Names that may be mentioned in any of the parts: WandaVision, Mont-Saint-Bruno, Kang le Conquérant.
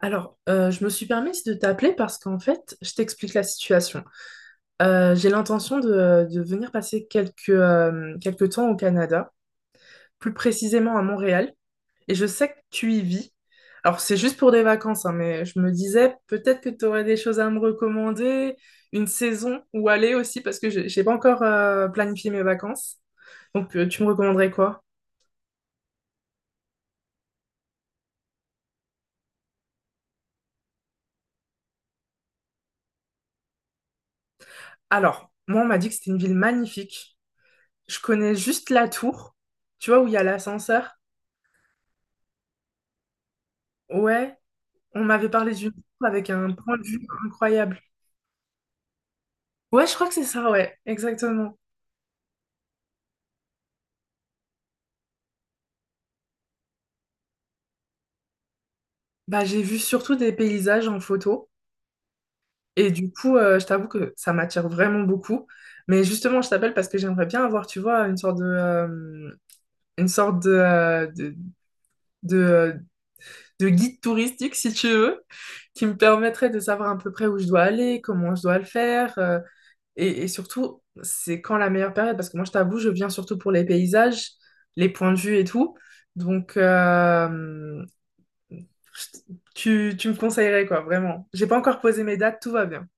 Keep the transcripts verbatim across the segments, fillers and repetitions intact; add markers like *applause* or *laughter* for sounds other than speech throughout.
Alors, euh, je me suis permise de t'appeler parce qu'en fait, je t'explique la situation. Euh, j'ai l'intention de, de venir passer quelques, euh, quelques temps au Canada, plus précisément à Montréal, et je sais que tu y vis. Alors, c'est juste pour des vacances, hein, mais je me disais peut-être que tu aurais des choses à me recommander, une saison où aller aussi, parce que j'ai j'ai pas encore euh, planifié mes vacances. Donc, euh, tu me recommanderais quoi? Alors, moi, on m'a dit que c'était une ville magnifique. Je connais juste la tour, tu vois, où il y a l'ascenseur. Ouais. On m'avait parlé du Louvre avec un point de vue incroyable. Ouais, je crois que c'est ça, ouais, exactement. Bah, j'ai vu surtout des paysages en photo. Et du coup, euh, je t'avoue que ça m'attire vraiment beaucoup. Mais justement, je t'appelle parce que j'aimerais bien avoir, tu vois, une sorte de, euh, une sorte de, euh, de, de, de guide touristique, si tu veux, qui me permettrait de savoir à peu près où je dois aller, comment je dois le faire. euh, Et, et surtout, c'est quand la meilleure période? Parce que moi, je t'avoue, je viens surtout pour les paysages, les points de vue et tout. Donc, euh, je- tu, tu me conseillerais, quoi, vraiment. J'ai pas encore posé mes dates, tout va bien.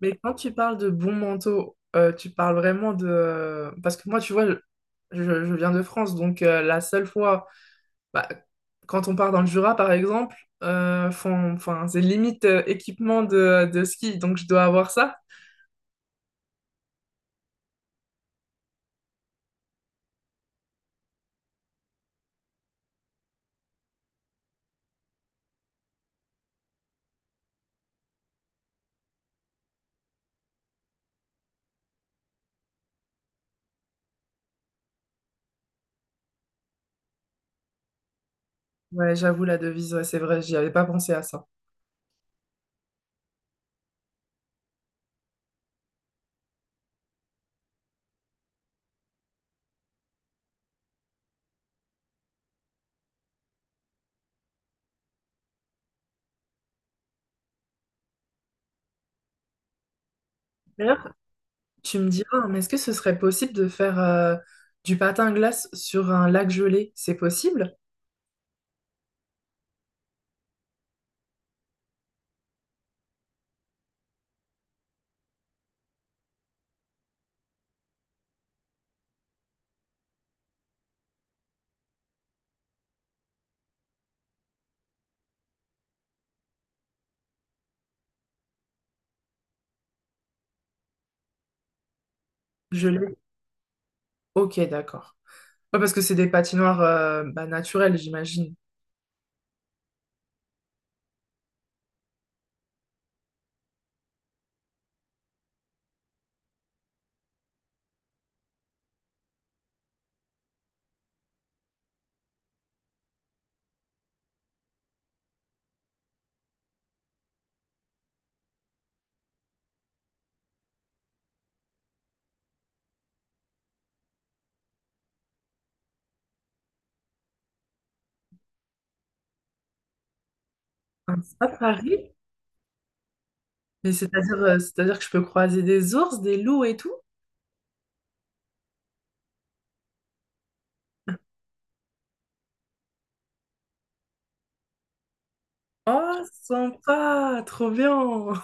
Mais quand tu parles de bons manteaux, euh, tu parles vraiment de... euh, Parce que moi, tu vois, je, je- je viens de France, donc euh, la seule fois, bah, quand on part dans le Jura, par exemple, euh, font- enfin, c'est limite euh, équipement de, de ski, donc je dois avoir ça. Ouais, j'avoue, la devise, ouais, c'est vrai, j'y avais pas pensé à ça. D'ailleurs, tu me diras, hein, mais est-ce que ce serait possible de faire euh, du patin à glace sur un lac gelé? C'est possible? Gelé? Ok, d'accord. Ouais, parce que c'est des patinoires euh, bah, naturelles, j'imagine. Hein, c'est pas Paris, mais c'est-à-dire euh, c'est-à-dire que je peux croiser des ours, des loups et tout? Oh, sympa, trop bien.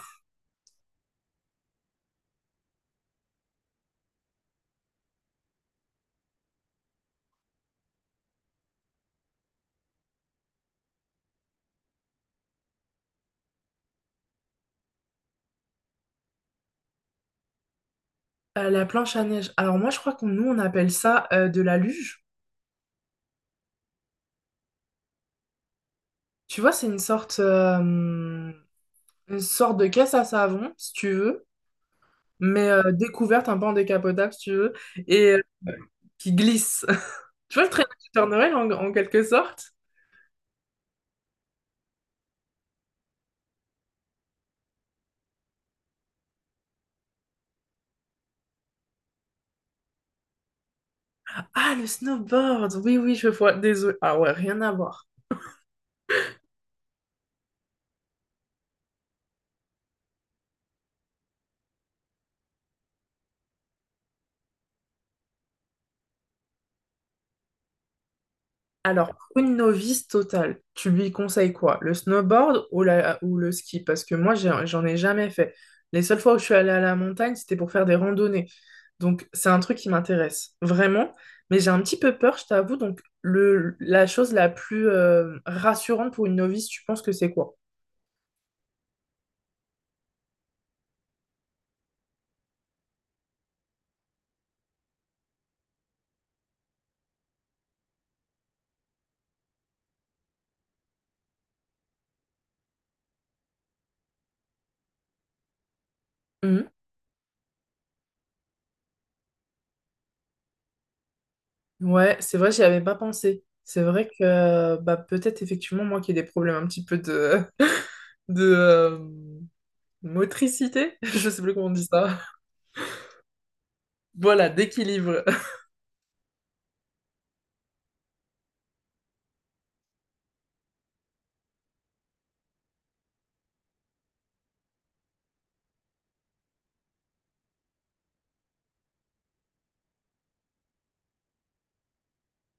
Euh, la planche à neige. Alors moi, je crois qu'on nous, on appelle ça euh, de la luge. Tu vois, c'est une sorte... euh, une sorte de caisse à savon, si tu veux, mais euh, découverte, un peu en décapotable, si tu veux, et euh, qui glisse. *laughs* Tu vois le traîneau du Père Noël, en, en quelque sorte? Ah, le snowboard! Oui, oui, je vois. Désolé. Ah ouais, rien à voir. Alors, pour une novice totale, tu lui conseilles quoi? Le snowboard ou, la- ou le ski? Parce que moi, j'ai- j'en ai jamais fait. Les seules fois où je suis allée à la montagne, c'était pour faire des randonnées. Donc, c'est un truc qui m'intéresse vraiment. Mais j'ai un petit peu peur, je t'avoue. Donc, le, la chose la plus euh, rassurante pour une novice, tu penses que c'est quoi? Mhm. Ouais, c'est vrai, j'y avais pas pensé. C'est vrai que bah, peut-être effectivement moi qui ai des problèmes un petit peu de, *laughs* de euh, motricité, *laughs* je sais plus comment on dit ça. Voilà, d'équilibre.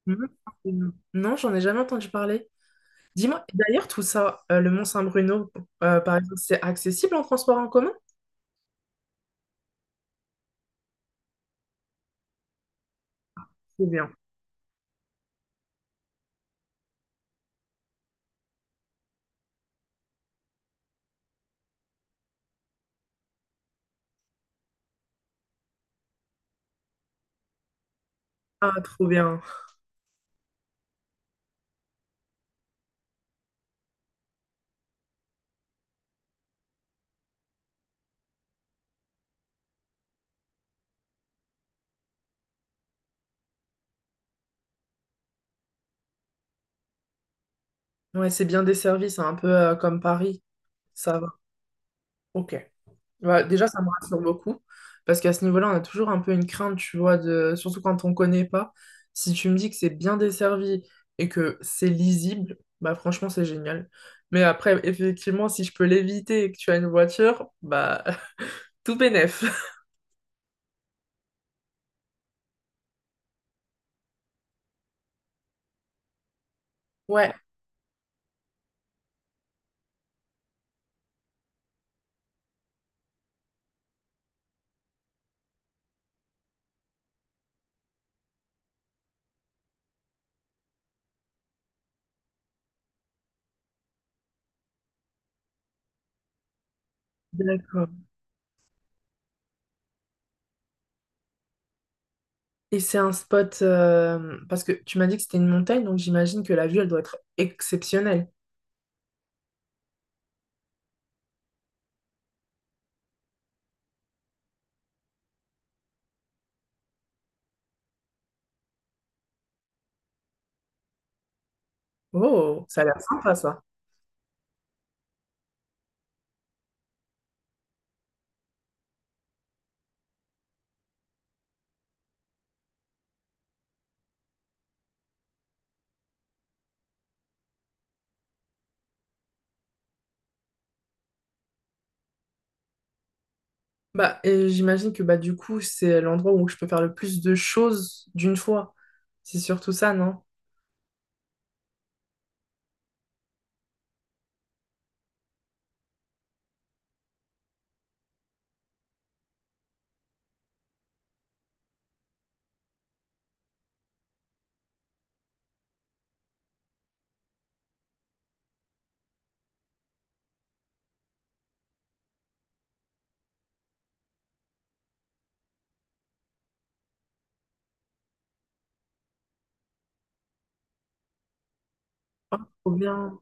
Mhm. Non, j'en ai jamais entendu parler. Dis-moi, d'ailleurs, tout ça, euh, le Mont-Saint-Bruno, euh, par exemple, c'est accessible en transport en commun? Trop bien. Ah, trop bien. Ouais, c'est bien desservi, c'est un peu euh, comme Paris. Ça va. Ok. Bah, déjà, ça me rassure beaucoup, parce qu'à ce niveau-là, on a toujours un peu une crainte, tu vois, de... surtout quand on connaît pas. Si tu me dis que c'est bien desservi et que c'est lisible, bah franchement, c'est génial. Mais après, effectivement, si je peux l'éviter et que tu as une voiture, bah *laughs* tout bénef. *laughs* Ouais, d'accord. Et c'est un spot, euh, parce que tu m'as dit que c'était une montagne, donc j'imagine que la vue, elle doit être exceptionnelle. Oh, ça a l'air sympa ça. Bah, et j'imagine que bah du coup, c'est l'endroit où je peux faire le plus de choses d'une fois. C'est surtout ça, non? Trop bien.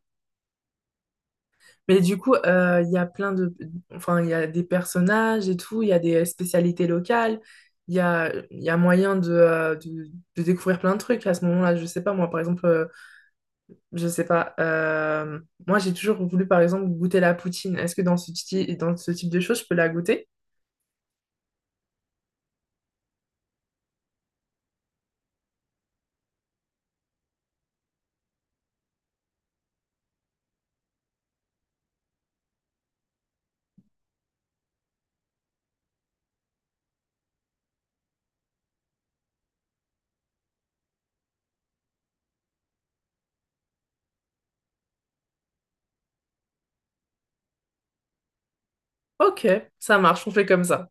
Mais du coup, euh, il y a plein de... Enfin, il y a des personnages et tout, il y a des spécialités locales, il y a, il y a moyen de, euh, de, de découvrir plein de trucs à ce moment-là. Je sais pas, moi, par exemple, euh, je sais pas. Euh, moi, j'ai toujours voulu, par exemple, goûter la poutine. Est-ce que dans ce, ti- dans ce type de choses, je peux la goûter? Ok, ça marche, on fait comme ça.